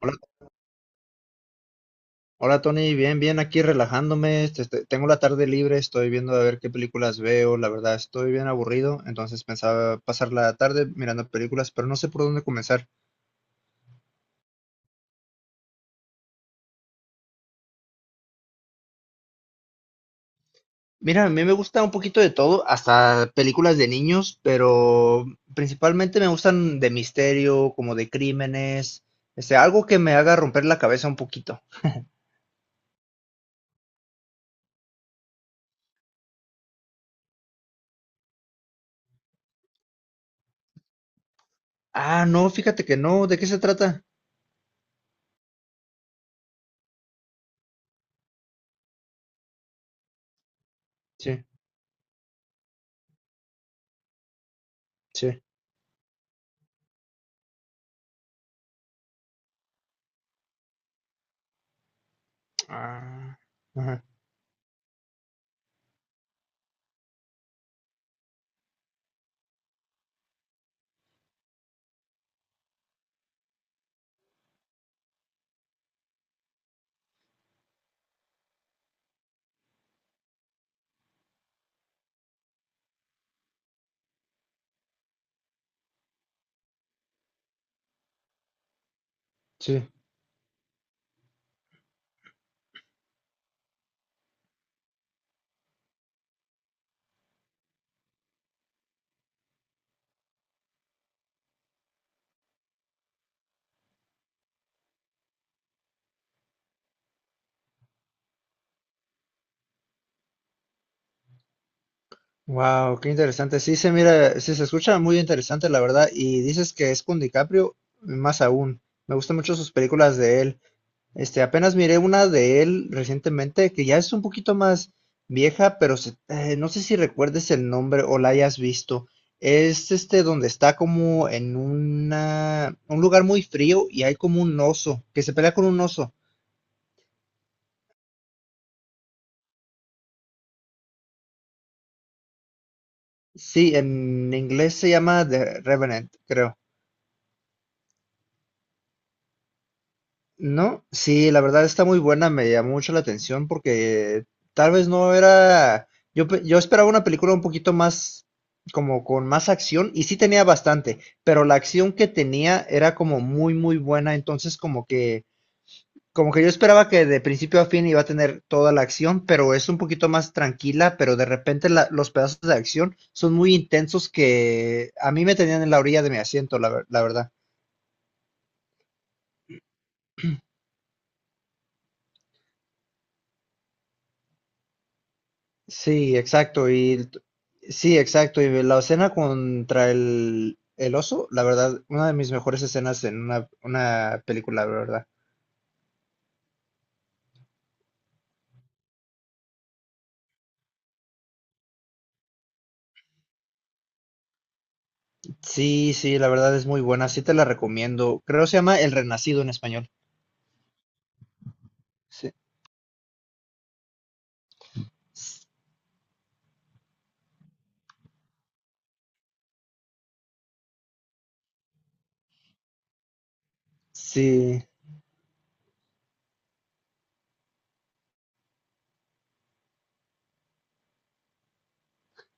Hola, hola Tony, bien, bien, aquí relajándome. Tengo la tarde libre, estoy viendo a ver qué películas veo. La verdad, estoy bien aburrido, entonces pensaba pasar la tarde mirando películas, pero no sé por dónde comenzar. Mira, a mí me gusta un poquito de todo, hasta películas de niños, pero principalmente me gustan de misterio, como de crímenes, algo que me haga romper la cabeza un poquito. Ah, no, fíjate que no, ¿de qué se trata? Sí, sí. Ah, ajá, sí. Wow, qué interesante. Sí se mira, sí se escucha muy interesante, la verdad. Y dices que es con DiCaprio, más aún. Me gustan mucho sus películas de él. Apenas miré una de él recientemente que ya es un poquito más vieja, pero no sé si recuerdes el nombre o la hayas visto. Es este donde está como en un lugar muy frío y hay como un oso que se pelea con un oso. Sí, en inglés se llama The Revenant, creo. ¿No? Sí, la verdad está muy buena, me llamó mucho la atención porque tal vez no era, yo esperaba una película un poquito más, como con más acción, y sí tenía bastante, pero la acción que tenía era como muy, muy buena, entonces como que yo esperaba que de principio a fin iba a tener toda la acción, pero es un poquito más tranquila, pero de repente los pedazos de acción son muy intensos que a mí me tenían en la orilla de mi asiento, la verdad. Sí, exacto. Y sí, exacto. Y la escena contra el oso, la verdad, una de mis mejores escenas en una película, la verdad. Sí, sí, la verdad es muy buena. Sí te la recomiendo. Creo se llama El Renacido en español. Sí. S- Sí.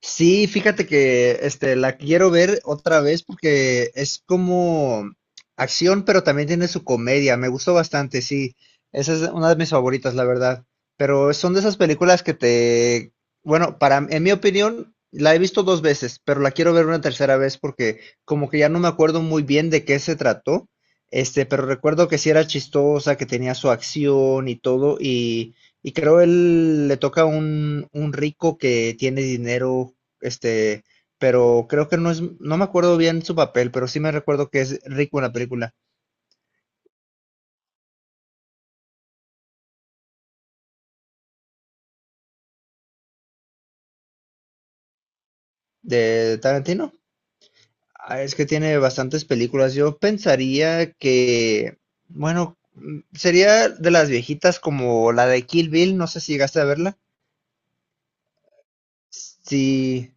Sí, fíjate que la quiero ver otra vez porque es como acción, pero también tiene su comedia. Me gustó bastante, sí. Esa es una de mis favoritas, la verdad. Pero son de esas películas que te, bueno, para, en mi opinión, la he visto dos veces, pero la quiero ver una tercera vez porque como que ya no me acuerdo muy bien de qué se trató. Pero recuerdo que sí era chistosa, que tenía su acción y todo, y creo él le toca un rico que tiene dinero, este, pero creo que no es, no me acuerdo bien su papel, pero sí me recuerdo que es rico en la película de Tarantino. Ah, es que tiene bastantes películas. Yo pensaría que, bueno, sería de las viejitas como la de Kill Bill, no sé si llegaste a verla. Sí,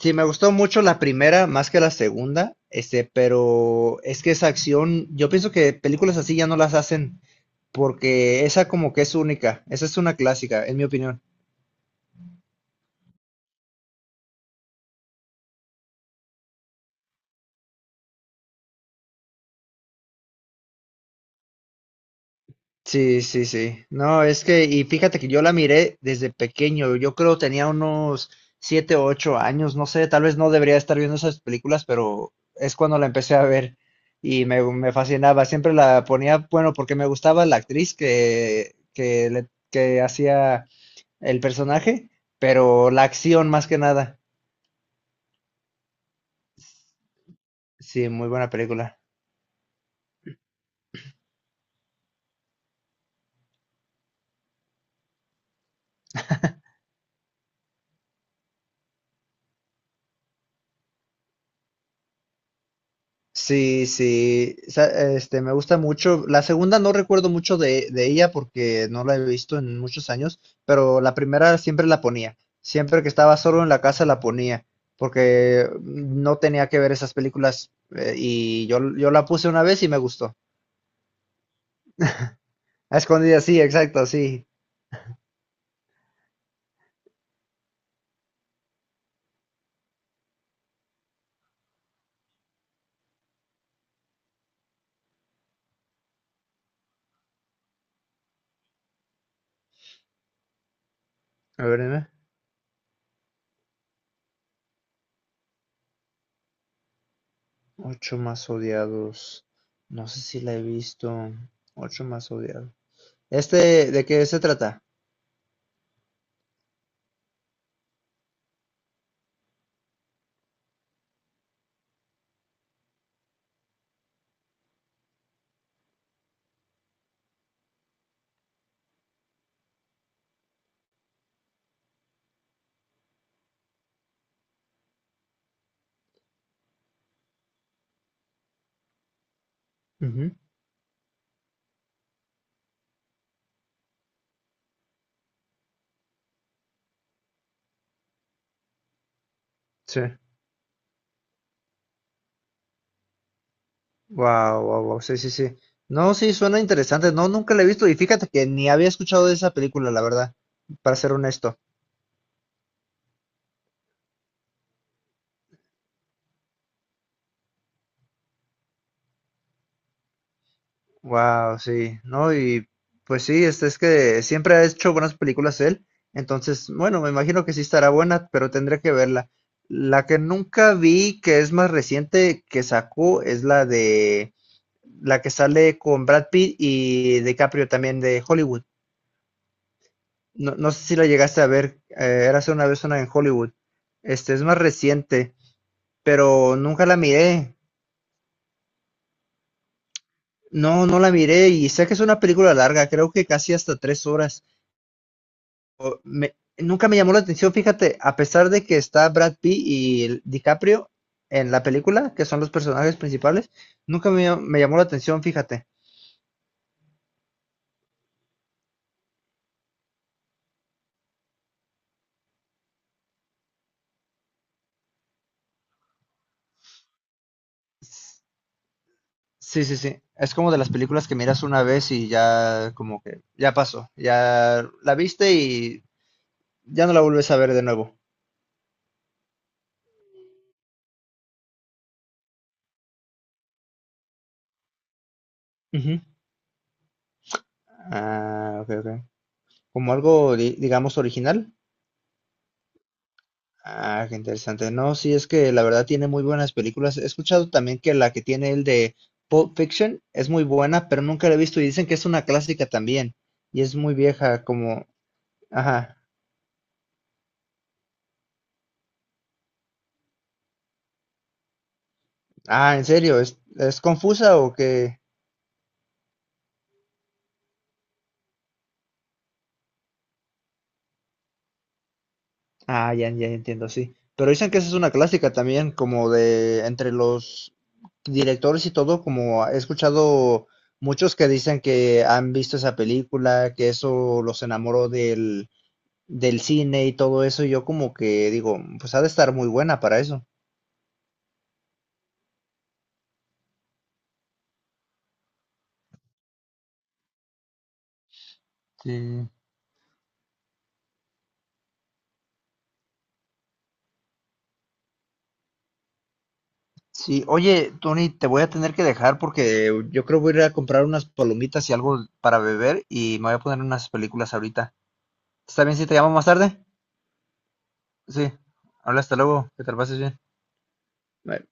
sí, me gustó mucho la primera más que la segunda, pero es que esa acción, yo pienso que películas así ya no las hacen porque esa como que es única, esa es una clásica, en mi opinión. Sí, sí, sí. No, es que, y fíjate que yo la miré desde pequeño, yo creo tenía unos 7 u 8 años, no sé, tal vez no debería estar viendo esas películas, pero es cuando la empecé a ver y me fascinaba, siempre la ponía, bueno, porque me gustaba la actriz que hacía el personaje, pero la acción más que nada. Sí, muy buena película. Sí, sí, me gusta mucho. La segunda no recuerdo mucho de ella porque no la he visto en muchos años, pero la primera siempre la ponía. Siempre que estaba solo en la casa la ponía, porque no tenía que ver esas películas y yo la puse una vez y me gustó. A escondidas, sí, exacto, sí. A ver, dime. Ocho más odiados. No sé si la he visto. Ocho más odiados. ¿De qué se trata? Ujú, sí. Wow, wow, wow. Sí, sí, sí. No, sí, suena interesante. No, nunca la he visto y fíjate que ni había escuchado de esa película, la verdad, para ser honesto. Wow, sí. No, y pues sí, es que siempre ha hecho buenas películas él. Entonces, bueno, me imagino que sí estará buena, pero tendré que verla. La que nunca vi, que es más reciente, que sacó, es la que sale con Brad Pitt y DiCaprio también de Hollywood. No, no sé si la llegaste a ver, era hace una vez una en Hollywood. Este es más reciente, pero nunca la miré. No, no la miré y sé que es una película larga, creo que casi hasta 3 horas. Nunca me llamó la atención, fíjate, a pesar de que está Brad Pitt y el DiCaprio en la película, que son los personajes principales, nunca me llamó la atención, fíjate. S- Sí, sí, sí. Es como de las películas que miras una vez y ya como que ya pasó, ya la viste y ya no la vuelves a ver de nuevo. Ujú. Ah, ok, ok. Como algo, digamos, original. Ah, qué interesante. No, sí, es que la verdad tiene muy buenas películas. He escuchado también que la que tiene el de Pulp Fiction es muy buena, pero nunca la he visto y dicen que es una clásica también. Y es muy vieja, como... Ajá. Ah, ¿en serio? Es confusa o qué? Ah, ya, ya entiendo, sí. Pero dicen que esa es una clásica también, como de entre los directores y todo, como he escuchado muchos que dicen que han visto esa película, que eso los enamoró del cine y todo eso, y yo como que digo, pues ha de estar muy buena para eso. Sí. Sí, oye, Tony, te voy a tener que dejar porque yo creo voy a ir a comprar unas palomitas y algo para beber y me voy a poner unas películas ahorita. ¿Está bien si te llamo más tarde? Sí. Hola, hasta luego, que te la pases bien. Bye.